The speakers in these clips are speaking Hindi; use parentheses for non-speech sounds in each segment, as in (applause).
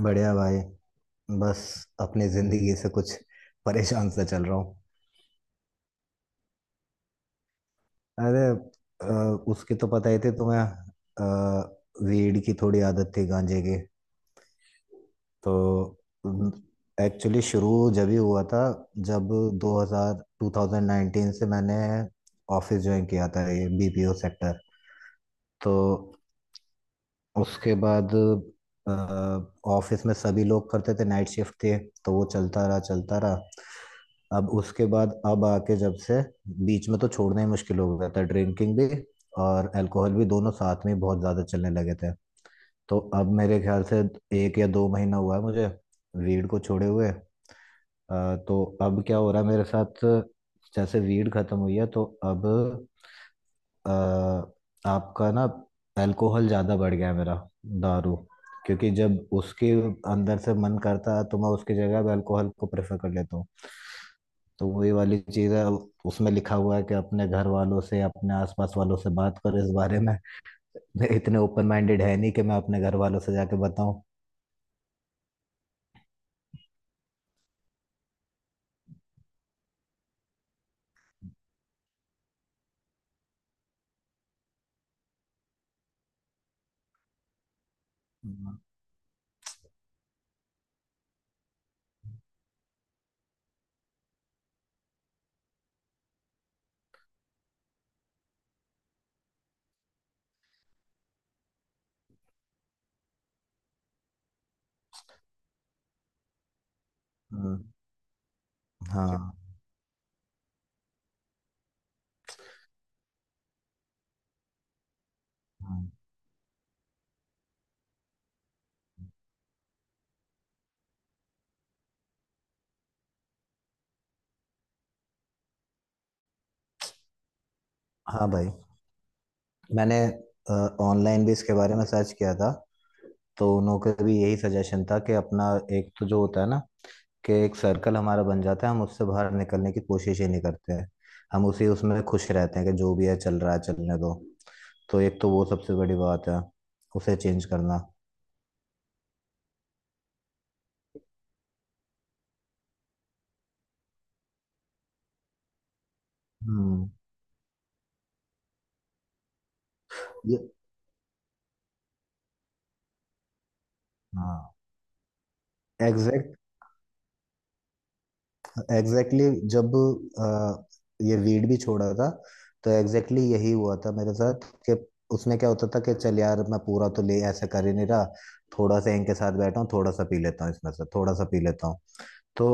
बढ़िया भाई। बस अपनी जिंदगी से कुछ परेशान सा चल रहा हूँ। अरे, अ, उसकी तो पता ही थी तुम्हें। Weed की थोड़ी आदत थी, गांजे की। तो एक्चुअली शुरू जब ही हुआ था, जब 2000 2019 से मैंने ऑफिस ज्वाइन किया था, ये बीपीओ सेक्टर। तो उसके बाद ऑफिस में सभी लोग करते थे, नाइट शिफ्ट थे। तो वो चलता रहा चलता रहा। अब उसके बाद अब आके जब से बीच में तो छोड़ना ही मुश्किल हो गया था, ड्रिंकिंग भी और अल्कोहल भी दोनों साथ में ही बहुत ज़्यादा चलने लगे थे। तो अब मेरे ख्याल से एक या दो महीना हुआ है मुझे वीड को छोड़े हुए। तो अब क्या हो रहा है मेरे साथ, जैसे वीड खत्म हुई है तो अब अ, आपका ना अल्कोहल ज़्यादा बढ़ गया है मेरा, दारू। क्योंकि जब उसके अंदर से मन करता है तो मैं उसकी जगह अब अल्कोहल को प्रेफर कर लेता हूँ। तो वही वाली चीज़ है, अब उसमें लिखा हुआ है कि अपने घर वालों से, अपने आसपास वालों से बात करो इस बारे में। (laughs) मैं इतने ओपन माइंडेड है नहीं कि मैं अपने घर वालों से जाके बताऊं। हम्म। हम्म। हाँ। हाँ। हाँ भाई, मैंने ऑनलाइन भी इसके बारे में सर्च किया था। तो उन लोगों का भी यही सजेशन था, कि अपना एक तो जो होता है ना कि एक सर्कल हमारा बन जाता है, हम उससे बाहर निकलने की कोशिश ही नहीं करते हैं। हम उसी उसमें खुश रहते हैं कि जो भी है चल रहा है चलने दो। तो एक तो वो सबसे बड़ी बात है, उसे चेंज करना। हम्म। ये। हाँ। Exact exactly. जब अ, ये वीड भी छोड़ा था, तो एग्जैक्टली exactly यही हुआ था मेरे साथ, कि उसमें क्या होता था कि चल यार मैं पूरा तो ले ऐसा कर ही नहीं रहा, थोड़ा सा इनके साथ बैठा हूँ, थोड़ा सा पी लेता हूँ इसमें से, थोड़ा सा पी लेता हूँ। तो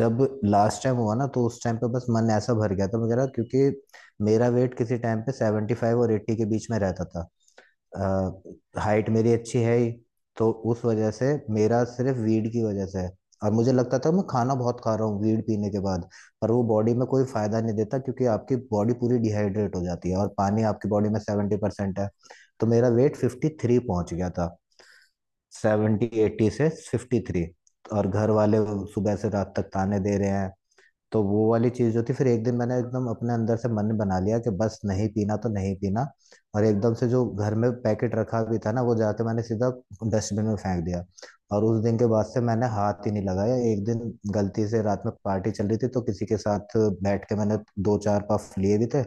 जब लास्ट टाइम हुआ ना, तो उस टाइम पे बस मन ऐसा भर गया था। मैं कह रहा क्योंकि मेरा वेट किसी टाइम पे 75 और 80 के बीच में रहता था। हाइट मेरी अच्छी है ही, तो उस वजह से मेरा सिर्फ वीड की वजह से है। और मुझे लगता था मैं खाना बहुत खा रहा हूँ वीड पीने के बाद, पर वो बॉडी में कोई फायदा नहीं देता, क्योंकि आपकी बॉडी पूरी डिहाइड्रेट हो जाती है और पानी आपकी बॉडी में 70% है। तो मेरा वेट 53 पहुंच गया था, 70 80 से 53। और घर वाले सुबह से रात तक ताने दे रहे हैं। तो वो वाली चीज जो थी, फिर एक दिन मैंने एकदम अपने अंदर से मन बना लिया कि बस नहीं पीना तो नहीं पीना। और एकदम से जो घर में पैकेट रखा भी था ना, वो जाके मैंने सीधा डस्टबिन में फेंक दिया। और उस दिन के बाद से मैंने हाथ ही नहीं लगाया। एक दिन गलती से रात में पार्टी चल रही थी तो किसी के साथ बैठ के मैंने दो चार पफ लिए भी थे।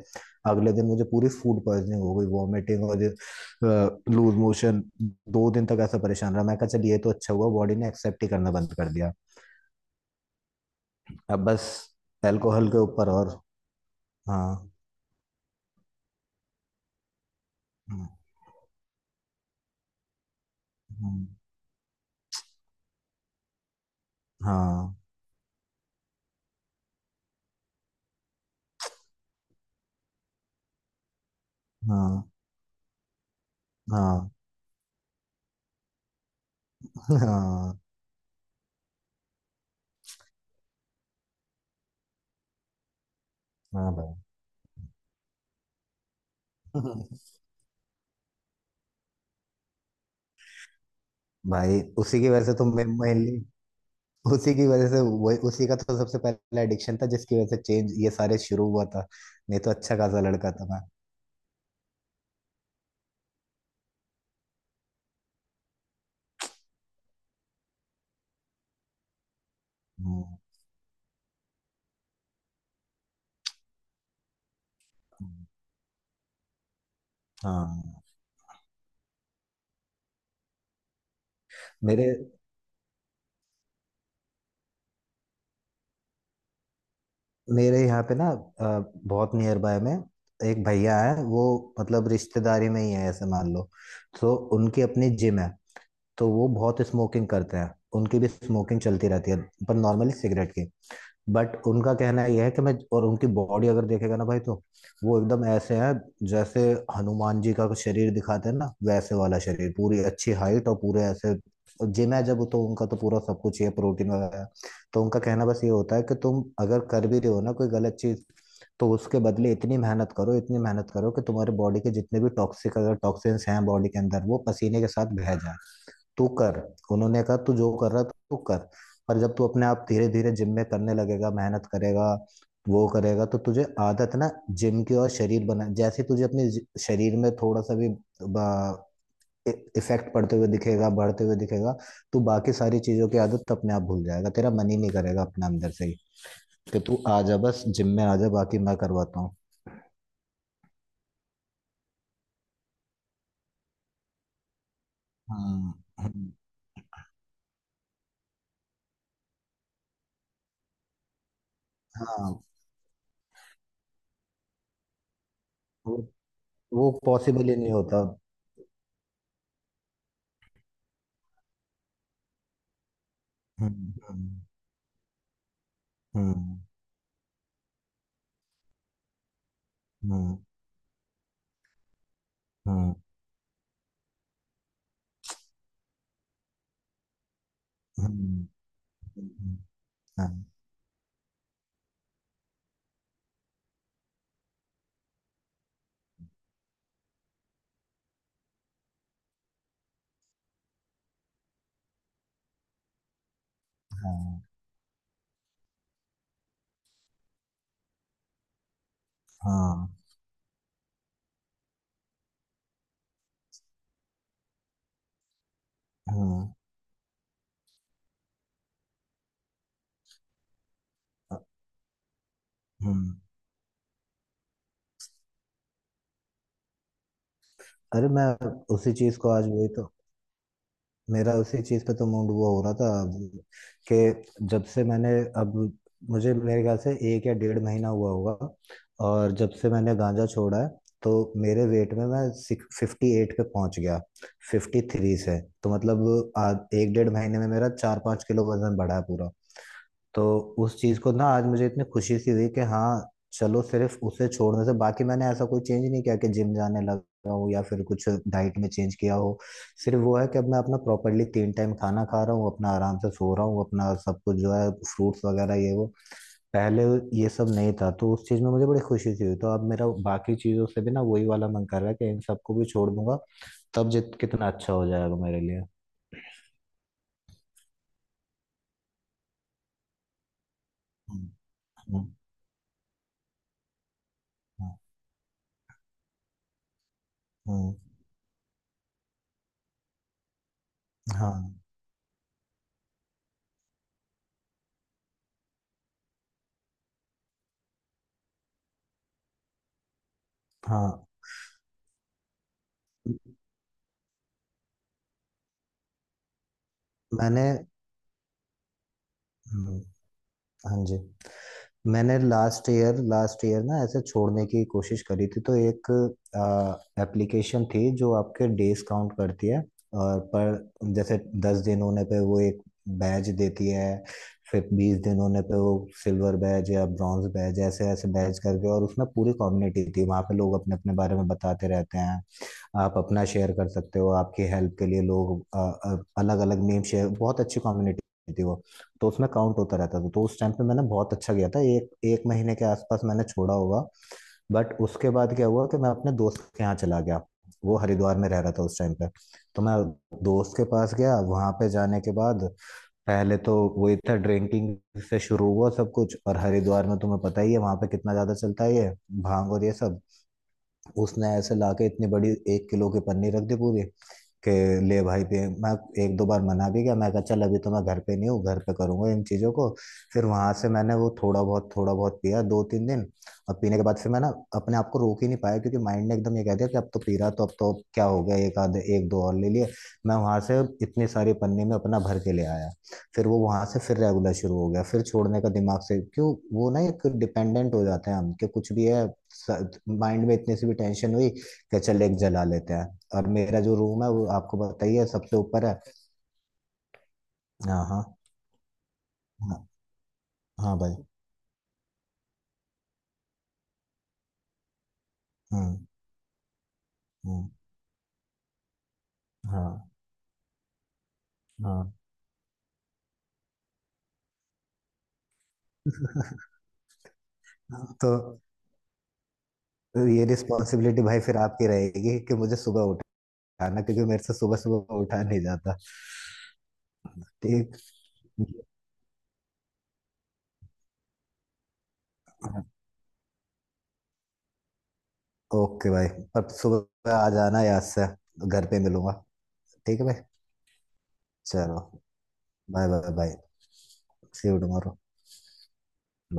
अगले दिन मुझे पूरी फूड पॉइजनिंग हो गई, वॉमिटिंग और लूज मोशन। दो दिन तक ऐसा परेशान रहा, मैं कहा चल ये तो अच्छा हुआ, बॉडी ने एक्सेप्ट ही करना बंद कर दिया। अब बस एल्कोहल के ऊपर। और हाँ। हम्म। हम्म। हाँ। हाँ। हाँ। हाँ। हाँ भाई। (laughs) भाई उसी की वजह से तो मैं mainly उसी की वजह से, वही उसी का तो सबसे पहला एडिक्शन था जिसकी वजह से चेंज ये सारे शुरू हुआ था। नहीं तो अच्छा खासा लड़का था मैं। हम्म। हम्म। हाँ। मेरे मेरे यहाँ पे ना बहुत नियर बाय में एक भैया है वो, मतलब रिश्तेदारी में ही है ऐसे मान लो। तो उनकी अपनी जिम है, तो वो बहुत स्मोकिंग करते हैं। उनकी भी स्मोकिंग चलती रहती है, पर नॉर्मली सिगरेट की। बट उनका कहना यह है कि मैं और उनकी बॉडी अगर देखेगा ना भाई, तो वो एकदम ऐसे हैं जैसे हनुमान जी का शरीर दिखाते हैं ना, वैसे वाला शरीर, पूरी अच्छी हाइट और पूरे ऐसे। जिम है जब तो उनका, तो पूरा सब कुछ ही है, प्रोटीन वगैरह। तो उनका कहना बस ये होता है कि तुम अगर कर भी रहे हो ना कोई गलत चीज, तो उसके बदले इतनी मेहनत करो, इतनी मेहनत करो कि तुम्हारे बॉडी के जितने भी टॉक्सिक, अगर टॉक्सिन्स हैं बॉडी के अंदर, वो पसीने के साथ बह जाए। तू कर, उन्होंने कहा, तू जो कर रहा है तू कर। पर जब तू अपने आप धीरे धीरे जिम में करने लगेगा, मेहनत करेगा, वो करेगा, तो तुझे आदत ना जिम की, और शरीर बना जैसे तुझे अपने शरीर में थोड़ा सा भी इफेक्ट पड़ते हुए दिखेगा, बढ़ते हुए दिखेगा, तो बाकी सारी चीजों की आदत तो अपने आप भूल जाएगा, तेरा मन ही नहीं करेगा अपने अंदर से ही, कि तू आ जा बस जिम में आ जा, बाकी मैं करवाता हूँ। हाँ। हम्म। हाँ। वो वो पॉसिबल ही नहीं होता। हम्म। हम्म। हम्म। हम्म। हम्म। हम्म। हम्म। हाँ। हाँ। हाँ। हम्म। अ- हम्म। अरे मैं उसी चीज को आज वही तो, मेरा उसी चीज पे तो मूड वो हो रहा था अब, कि जब से मैंने, अब मुझे मेरे ख्याल से एक या डेढ़ महीना हुआ होगा, और जब से मैंने गांजा छोड़ा है, तो मेरे वेट में मैं 58 पे पहुंच गया, 53 से। तो मतलब आज एक डेढ़ महीने में मेरा चार पाँच किलो वजन बढ़ा है पूरा। तो उस चीज को ना आज मुझे इतनी खुशी सी हुई कि हाँ, चलो सिर्फ उसे छोड़ने से, बाकी मैंने ऐसा कोई चेंज नहीं किया कि जिम जाने लगा हूँ या फिर कुछ डाइट में चेंज किया हो। सिर्फ वो है कि अब मैं अपना प्रॉपरली 3 टाइम खाना खा रहा हूँ, अपना आराम से सो रहा हूँ, अपना सब कुछ जो है फ्रूट्स वगैरह ये वो, पहले ये सब नहीं था। तो उस चीज में मुझे बड़ी खुशी सी हुई, तो अब मेरा बाकी चीजों से भी ना वही वाला मन कर रहा है कि इन सबको भी छोड़ दूंगा, तब जित कितना अच्छा हो जाएगा मेरे लिए। हम्म। हम्म। हम्म। हम्म। हाँ। हाँ। मैंने। हम्म। हाँ जी, मैंने लास्ट ईयर ना ऐसे छोड़ने की कोशिश करी थी, तो एक एप्लीकेशन थी जो आपके डेज काउंट करती है। और पर जैसे 10 दिन होने पे वो एक बैज देती है, फिर 20 दिन होने पे वो सिल्वर बैज या ब्रॉन्ज बैज, ऐसे ऐसे बैज करके। और उसमें पूरी कम्युनिटी थी, वहाँ पे लोग अपने अपने बारे में बताते रहते हैं। आप अपना शेयर कर सकते हो, आपकी हेल्प के लिए लोग अलग अलग नेम शेयर, बहुत अच्छी कम्युनिटी थी वो। तो उसमें काउंट होता रहता था, तो उस टाइम पे मैंने बहुत अच्छा किया था, एक एक महीने के आसपास मैंने छोड़ा होगा। बट उसके बाद क्या हुआ कि मैं अपने दोस्त के यहाँ चला गया, वो हरिद्वार में रह रहा था उस टाइम पे। तो मैं दोस्त के पास गया, वहां पे जाने के बाद पहले तो वही था, ड्रिंकिंग से शुरू हुआ सब कुछ, और हरिद्वार में तुम्हें पता ही है वहां पे कितना ज्यादा चलता है ये भांग और ये सब। उसने ऐसे लाके इतनी बड़ी एक किलो की पन्नी रख दी पूरी, कि ले भाई। पे मैं एक दो बार मना भी किया, मैं कहा चल अभी तो मैं घर पे नहीं हूँ, घर पे करूंगा इन चीज़ों को। फिर वहां से मैंने वो थोड़ा बहुत पिया दो तीन दिन, और पीने के बाद फिर मैं ना अपने आप को रोक ही नहीं पाया, क्योंकि माइंड ने एकदम ये कह दिया कि अब तो पी रहा, तो अब तो क्या हो गया, एक आधे एक दो और ले लिए। मैं वहां से इतनी सारी पन्नी में अपना भर के ले आया। फिर वो वहां से फिर रेगुलर शुरू हो गया, फिर छोड़ने का दिमाग से क्यों, वो ना एक डिपेंडेंट हो जाते हैं हम, कि कुछ भी है, माइंड में इतनी सी भी टेंशन हुई कि चल एक जला लेते हैं। और मेरा जो रूम है वो आपको बताइए सबसे ऊपर है। हाँ। हाँ। हाँ। हाँ भाई। हम्म। हम्म। हाँ। हाँ। (laughs) तो ये रिस्पॉन्सिबिलिटी भाई फिर आपकी रहेगी कि मुझे सुबह उठाना, क्योंकि मेरे से सुबह सुबह उठा नहीं जाता। ठीक। ओके भाई, पर सुबह आ जाना याद से। घर पे मिलूंगा। ठीक है भाई। चलो। Bye bye bye. See you tomorrow.